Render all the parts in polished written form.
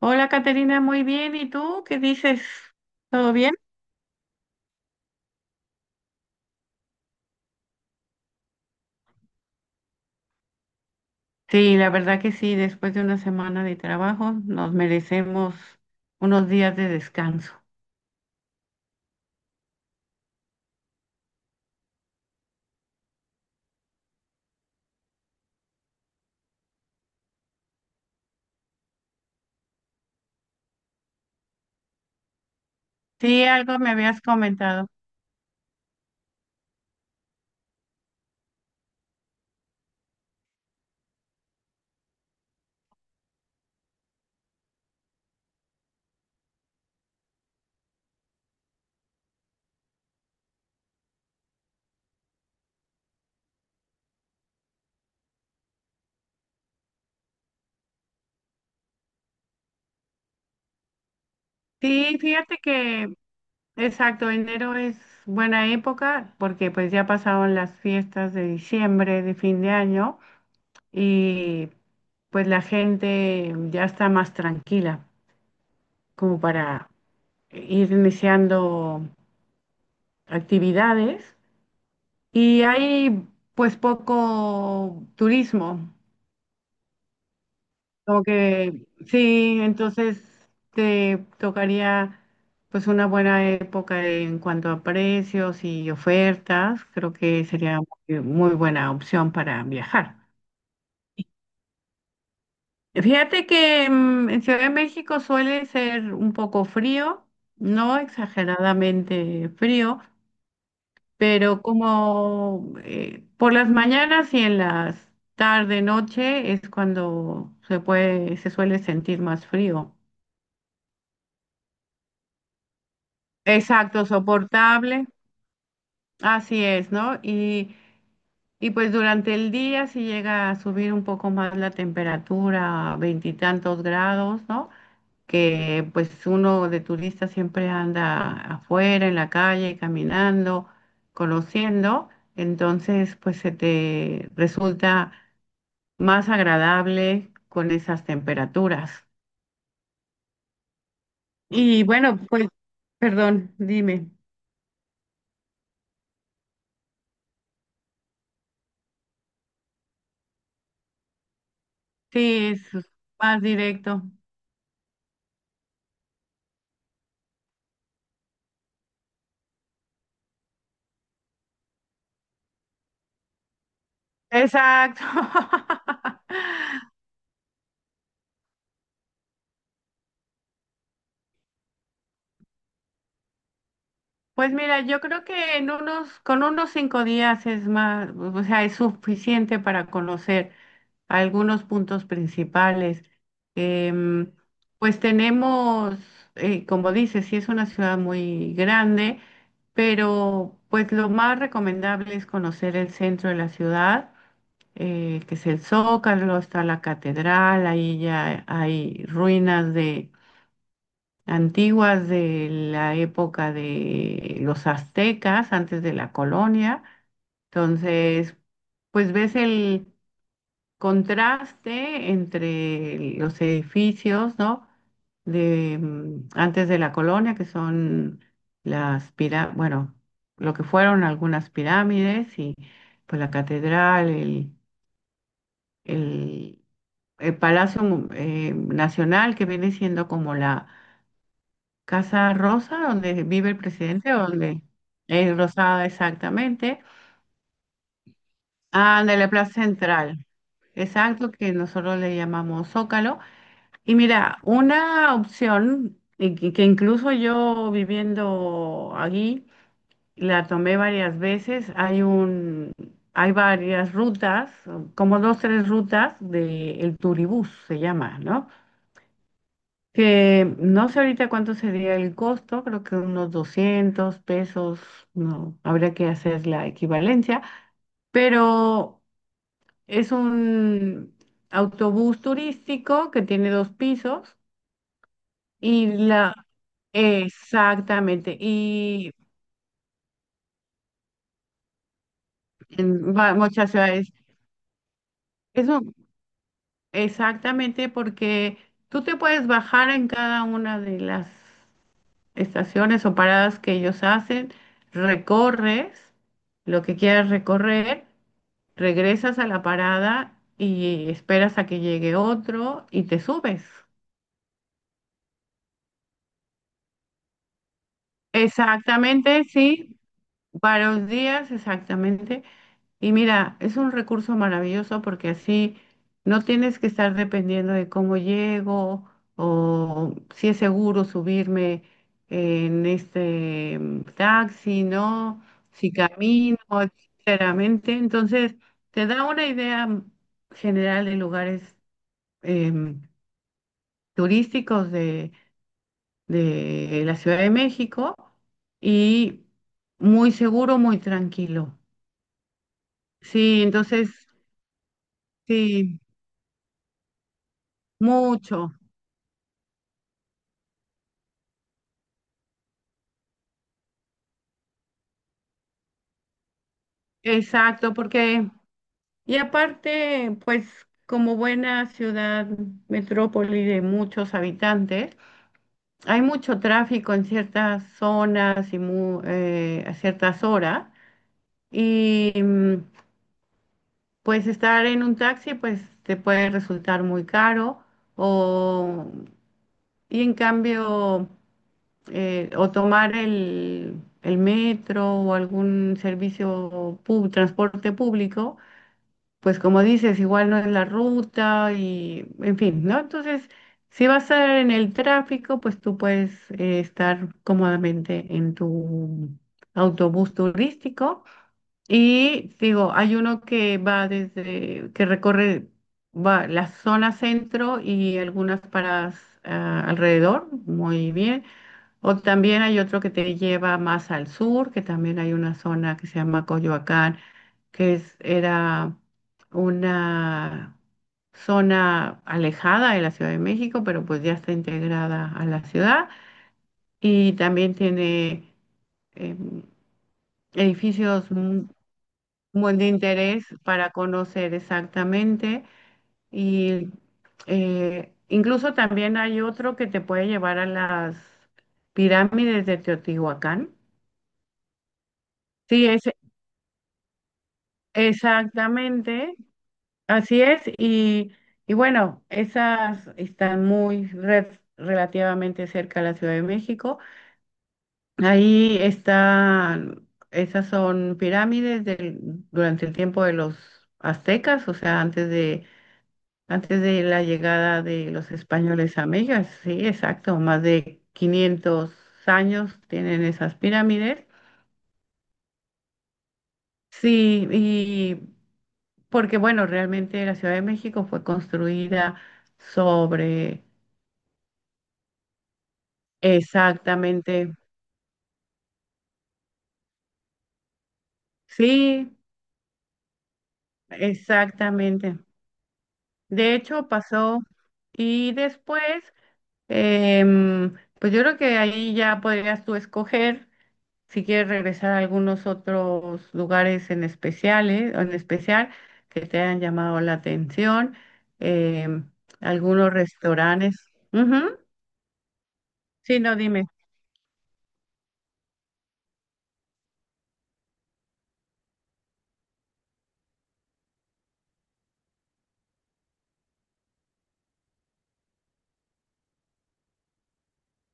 Hola, Caterina, muy bien. ¿Y tú qué dices? ¿Todo bien? Sí, la verdad que sí, después de una semana de trabajo nos merecemos unos días de descanso. Sí, algo me habías comentado. Sí, fíjate que, exacto, enero es buena época porque pues ya pasaron las fiestas de diciembre, de fin de año y pues la gente ya está más tranquila como para ir iniciando actividades. Y hay pues poco turismo, como que sí, entonces te tocaría pues una buena época en cuanto a precios y ofertas, creo que sería muy, muy buena opción para viajar. Fíjate que en Ciudad de México suele ser un poco frío, no exageradamente frío, pero como por las mañanas y en las tarde, noche es cuando se suele sentir más frío. Exacto, soportable, así es, ¿no? Y pues durante el día si llega a subir un poco más la temperatura, a veintitantos grados, ¿no? Que pues uno de turista siempre anda afuera, en la calle, caminando, conociendo, entonces pues se te resulta más agradable con esas temperaturas. Y bueno, pues, perdón, dime. Sí, es más directo. Exacto. Pues mira, yo creo que con unos 5 días es más, o sea, es suficiente para conocer algunos puntos principales. Em, pues tenemos, como dices, sí es una ciudad muy grande, pero pues lo más recomendable es conocer el centro de la ciudad, que es el Zócalo, está la catedral, ahí ya hay ruinas de antiguas de la época de los aztecas, antes de la colonia. Entonces, pues ves el contraste entre los edificios, ¿no? De antes de la colonia, que son las pirámides, bueno, lo que fueron algunas pirámides y pues la catedral, el, el Palacio Nacional, que viene siendo como la Casa Rosa, donde vive el presidente, o donde es rosada exactamente. Ah, de la Plaza Central, exacto, que nosotros le llamamos Zócalo. Y mira, una opción y que incluso yo viviendo allí la tomé varias veces, hay varias rutas, como dos, tres rutas de el Turibús se llama, ¿no? Que no sé ahorita cuánto sería el costo, creo que unos 200 pesos, no, habría que hacer la equivalencia, pero es un autobús turístico que tiene dos pisos. Y la, Exactamente, y en muchas ciudades, eso exactamente porque tú te puedes bajar en cada una de las estaciones o paradas que ellos hacen, recorres lo que quieras recorrer, regresas a la parada y esperas a que llegue otro y te subes. Exactamente, sí, varios días, exactamente. Y mira, es un recurso maravilloso porque así no tienes que estar dependiendo de cómo llego o si es seguro subirme en este taxi, ¿no? Si camino, sinceramente. Entonces, te da una idea general de lugares em, turísticos de la Ciudad de México y muy seguro, muy tranquilo. Sí, entonces, sí. Mucho, exacto, porque, y aparte, pues como buena ciudad, metrópoli de muchos habitantes, hay mucho tráfico en ciertas zonas y a ciertas horas, y pues estar en un taxi, pues te puede resultar muy caro, o, y en cambio, o tomar el metro o algún servicio, transporte público pues como dices, igual no es la ruta y, en fin, ¿no? Entonces, si vas a estar en el tráfico, pues tú puedes estar cómodamente en tu autobús turístico. Y digo, hay uno que va desde, que recorre va la zona centro y algunas paradas alrededor, muy bien. O también hay otro que te lleva más al sur, que también hay una zona que se llama Coyoacán era una zona alejada de la Ciudad de México, pero pues ya está integrada a la ciudad y también tiene em, edificios muy de interés para conocer exactamente y incluso también hay otro que te puede llevar a las pirámides de Teotihuacán. Sí, es exactamente. Así es, y bueno, esas están muy relativamente cerca de la Ciudad de México. Ahí están, esas son pirámides durante el tiempo de los aztecas, o sea, antes de la llegada de los españoles a México. Sí, exacto, más de 500 años tienen esas pirámides. Sí, y porque bueno, realmente la Ciudad de México fue construida sobre. Exactamente, sí, exactamente. De hecho, pasó y después, em, pues yo creo que ahí ya podrías tú escoger si quieres regresar a algunos otros lugares en especial que te hayan llamado la atención, em, algunos restaurantes. Ujú. Sí, no, dime.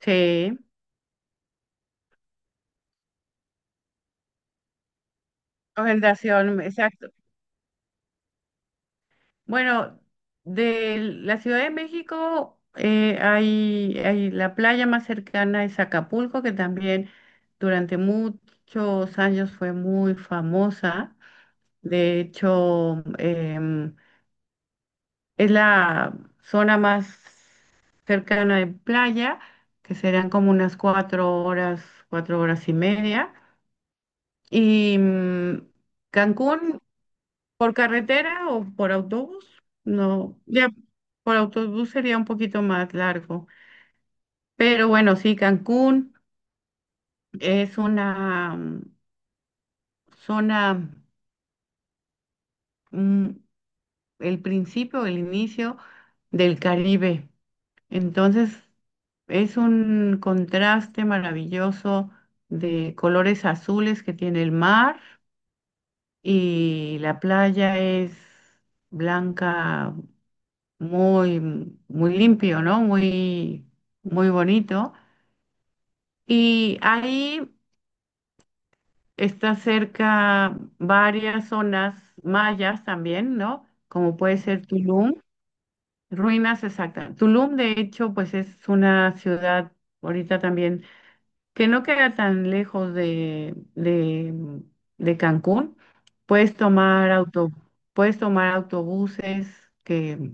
Sí, orientación, exacto. Bueno, de la Ciudad de México hay la playa más cercana es Acapulco, que también durante muchos años fue muy famosa. De hecho, es la zona más cercana de playa, que serán como unas 4 horas, 4 horas y media. Y Cancún. ¿Por carretera o por autobús? No, ya por autobús sería un poquito más largo. Pero bueno, sí, Cancún es una zona, mm, el inicio del Caribe. Entonces, es un contraste maravilloso de colores azules que tiene el mar y la playa es blanca muy, muy limpio, ¿no? Muy, muy bonito. Y ahí está cerca varias zonas mayas también, ¿no? Como puede ser Tulum, ruinas exactas. Tulum, de hecho, pues es una ciudad ahorita también que no queda tan lejos de Cancún. Puedes tomar auto, puedes tomar autobuses que,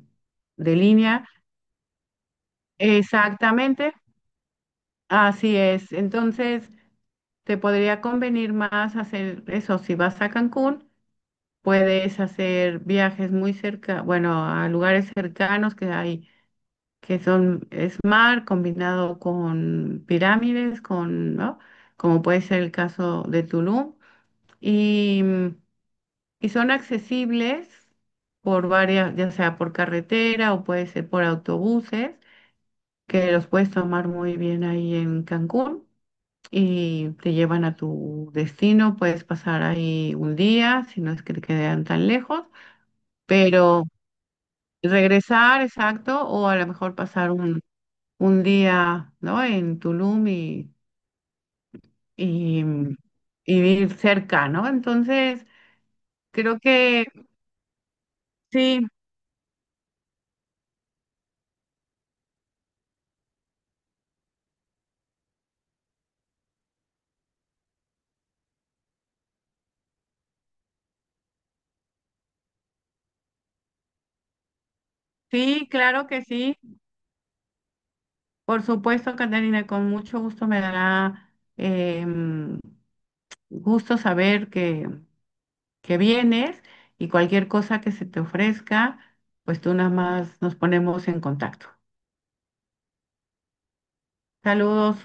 de línea. Exactamente. Así es. Entonces, te podría convenir más hacer eso. Si vas a Cancún, puedes hacer viajes muy cerca, bueno, a lugares cercanos que hay, que son, es mar combinado con pirámides, con, ¿no? Como puede ser el caso de Tulum. Y, y son accesibles por varias, ya sea por carretera o puede ser por autobuses, que los puedes tomar muy bien ahí en Cancún. Y te llevan a tu destino. Puedes pasar ahí un día, si no es que te quedan tan lejos, pero regresar, exacto, o a lo mejor pasar un día, ¿no? En Tulum y, mm, y ir cerca, ¿no? Entonces, creo que sí, sí, claro que sí. Por supuesto, Catarina, con mucho gusto me dará em, gusto saber que vienes y cualquier cosa que se te ofrezca, pues tú nada más nos ponemos en contacto. Saludos.